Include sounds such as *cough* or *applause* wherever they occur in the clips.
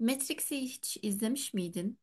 Matrix'i hiç izlemiş miydin?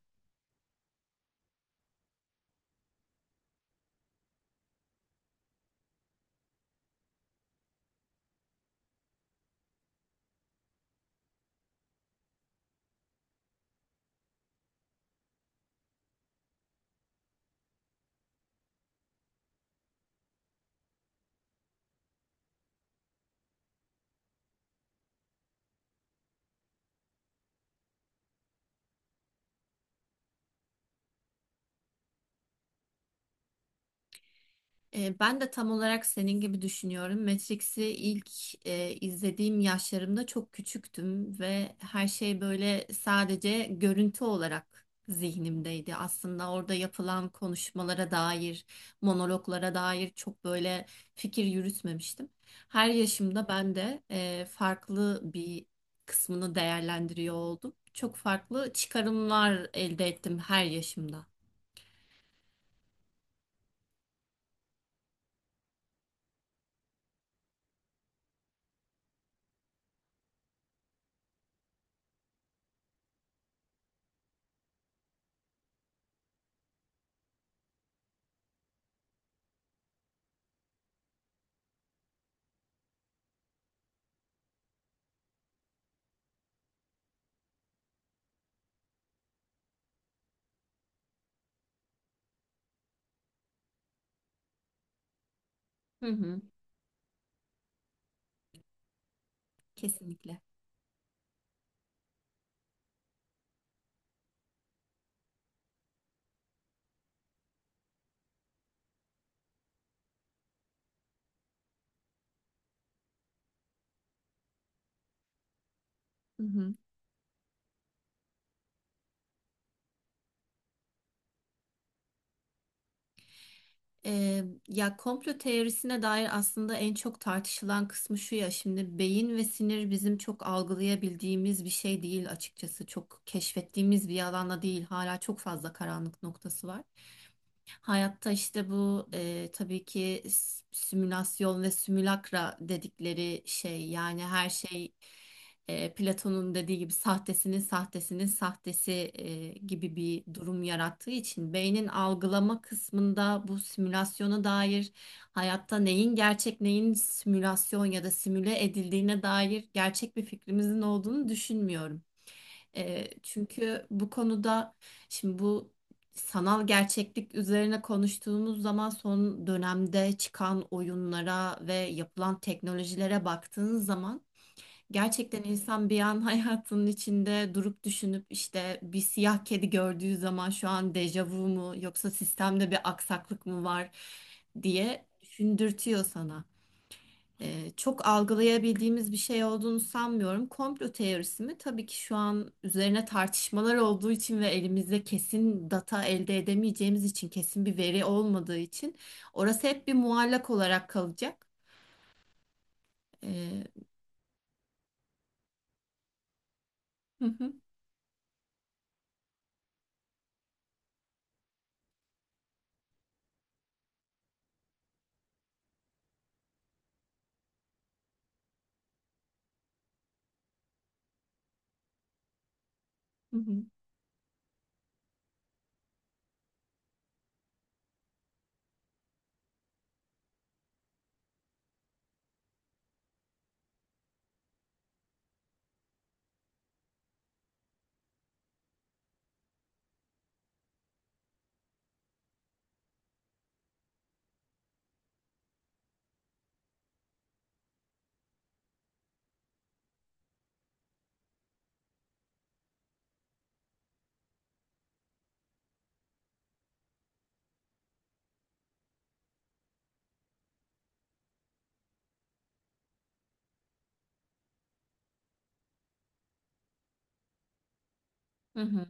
Ben de tam olarak senin gibi düşünüyorum. Matrix'i ilk izlediğim yaşlarımda çok küçüktüm ve her şey böyle sadece görüntü olarak zihnimdeydi. Aslında orada yapılan konuşmalara dair, monologlara dair çok böyle fikir yürütmemiştim. Her yaşımda ben de farklı bir kısmını değerlendiriyor oldum. Çok farklı çıkarımlar elde ettim her yaşımda. Hı hı. Kesinlikle. Hı hı. Ya komplo teorisine dair aslında en çok tartışılan kısmı şu ya, şimdi beyin ve sinir bizim çok algılayabildiğimiz bir şey değil, açıkçası çok keşfettiğimiz bir alanda değil, hala çok fazla karanlık noktası var. Hayatta işte bu tabii ki simülasyon ve simülakra dedikleri şey, yani her şey Platon'un dediği gibi sahtesinin sahtesinin sahtesi gibi bir durum yarattığı için beynin algılama kısmında bu simülasyona dair hayatta neyin gerçek, neyin simülasyon ya da simüle edildiğine dair gerçek bir fikrimizin olduğunu düşünmüyorum. Çünkü bu konuda şimdi bu sanal gerçeklik üzerine konuştuğumuz zaman son dönemde çıkan oyunlara ve yapılan teknolojilere baktığınız zaman gerçekten insan bir an *laughs* hayatının içinde durup düşünüp işte bir siyah kedi gördüğü zaman şu an dejavu mu yoksa sistemde bir aksaklık mı var diye düşündürtüyor sana. Çok algılayabildiğimiz bir şey olduğunu sanmıyorum. Komplo teorisi mi? Tabii ki şu an üzerine tartışmalar olduğu için ve elimizde kesin data elde edemeyeceğimiz için, kesin bir veri olmadığı için orası hep bir muallak olarak kalacak. E, hı hı, hı hı, hı hı.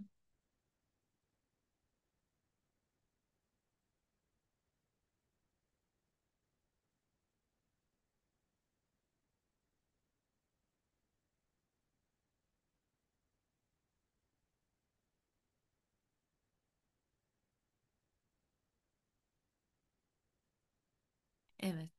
Evet.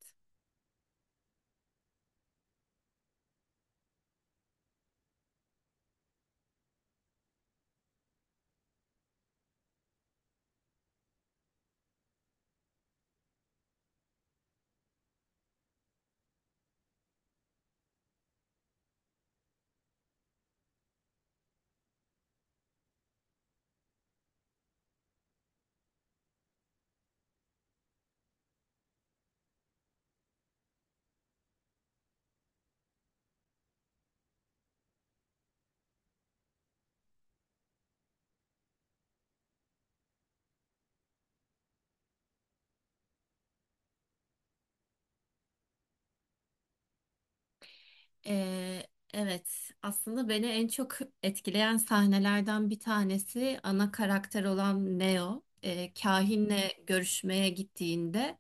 Ee, evet, aslında beni en çok etkileyen sahnelerden bir tanesi ana karakter olan Neo. Kahinle görüşmeye gittiğinde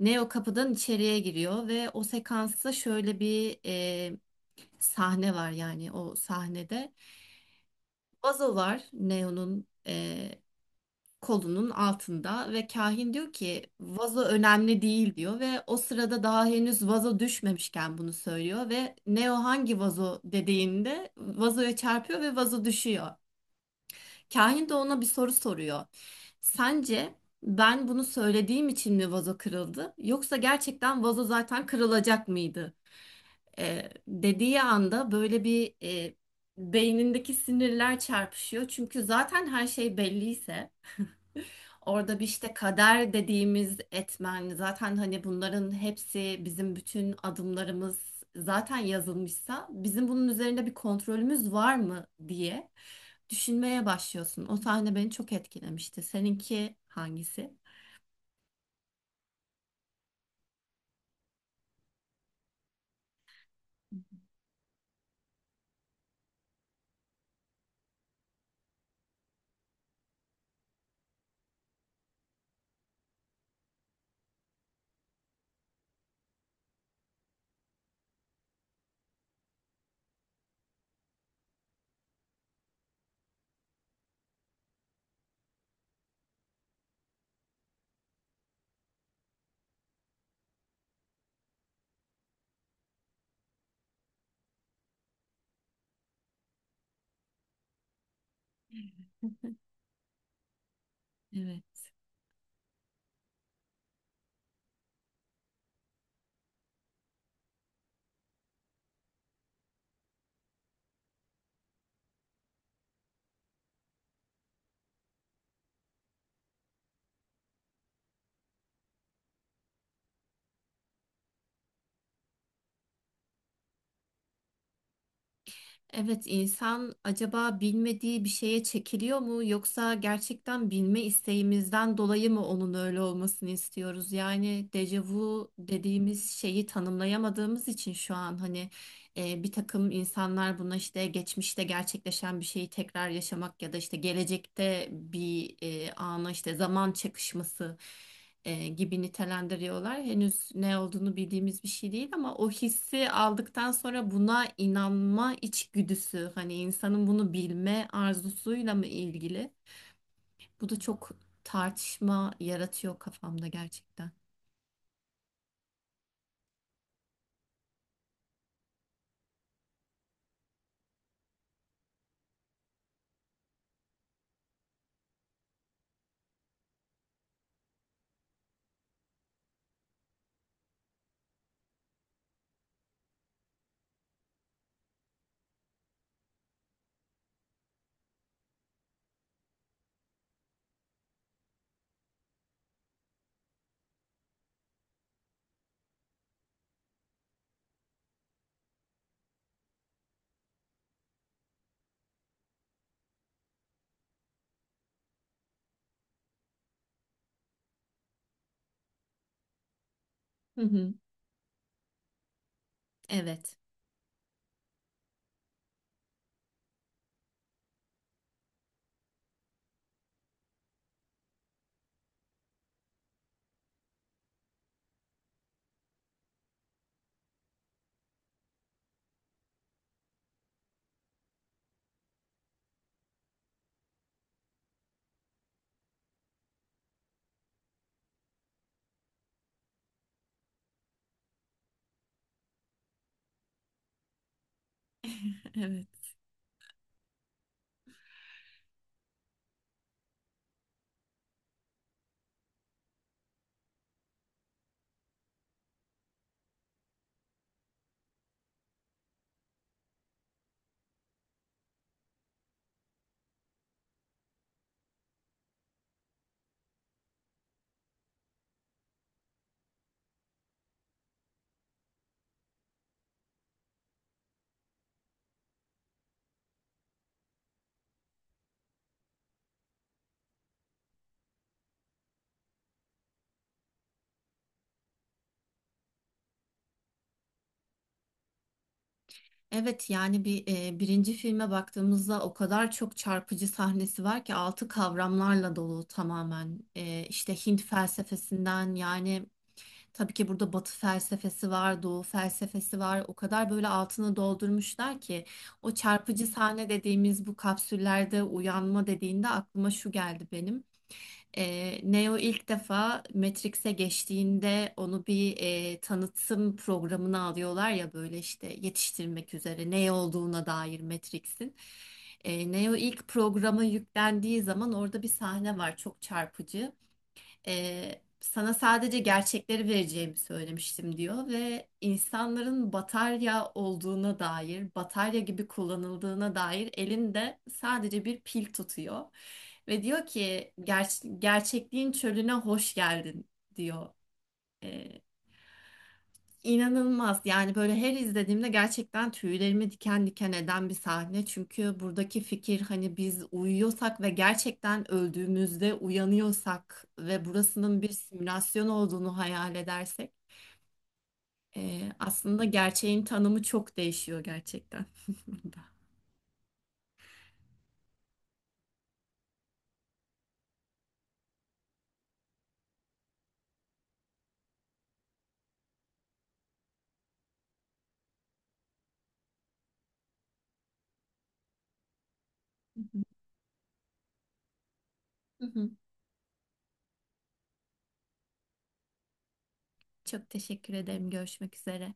Neo kapıdan içeriye giriyor ve o sekansta şöyle bir sahne var, yani o sahnede. Vazo var Neo'nun kolunun altında ve kahin diyor ki vazo önemli değil diyor ve o sırada daha henüz vazo düşmemişken bunu söylüyor ve Neo hangi vazo dediğinde vazoya çarpıyor ve vazo düşüyor. Kahin de ona bir soru soruyor. Sence ben bunu söylediğim için mi vazo kırıldı yoksa gerçekten vazo zaten kırılacak mıydı? Dediği anda böyle bir beynindeki sinirler çarpışıyor. Çünkü zaten her şey belliyse orada bir işte kader dediğimiz etmen, zaten hani bunların hepsi, bizim bütün adımlarımız zaten yazılmışsa bizim bunun üzerinde bir kontrolümüz var mı diye düşünmeye başlıyorsun. O sahne beni çok etkilemişti. Seninki hangisi? Evet. Evet, insan acaba bilmediği bir şeye çekiliyor mu yoksa gerçekten bilme isteğimizden dolayı mı onun öyle olmasını istiyoruz? Yani dejavu dediğimiz şeyi tanımlayamadığımız için şu an hani bir takım insanlar buna işte geçmişte gerçekleşen bir şeyi tekrar yaşamak ya da işte gelecekte bir ana, işte zaman çakışması gibi nitelendiriyorlar. Henüz ne olduğunu bildiğimiz bir şey değil ama o hissi aldıktan sonra buna inanma içgüdüsü hani insanın bunu bilme arzusuyla mı ilgili? Bu da çok tartışma yaratıyor kafamda gerçekten. Hı hı. Evet. *laughs* Evet. Evet, yani bir birinci filme baktığımızda o kadar çok çarpıcı sahnesi var ki altı kavramlarla dolu tamamen. İşte Hint felsefesinden, yani tabii ki burada Batı felsefesi var, Doğu felsefesi var. O kadar böyle altını doldurmuşlar ki o çarpıcı sahne dediğimiz bu kapsüllerde uyanma dediğinde aklıma şu geldi benim. Neo ilk defa Matrix'e geçtiğinde onu bir tanıtım programına alıyorlar ya, böyle işte yetiştirmek üzere ne olduğuna dair Matrix'in. Neo ilk programa yüklendiği zaman orada bir sahne var çok çarpıcı. Sana sadece gerçekleri vereceğimi söylemiştim diyor ve insanların batarya olduğuna dair, batarya gibi kullanıldığına dair elinde sadece bir pil tutuyor. Ve diyor ki, Gerçekliğin çölüne hoş geldin," diyor. İnanılmaz, yani böyle her izlediğimde gerçekten tüylerimi diken diken eden bir sahne çünkü buradaki fikir hani biz uyuyorsak ve gerçekten öldüğümüzde uyanıyorsak ve burasının bir simülasyon olduğunu hayal edersek aslında gerçeğin tanımı çok değişiyor gerçekten. *laughs* Burada. Hı hı. Hı hı. Çok teşekkür ederim. Görüşmek üzere.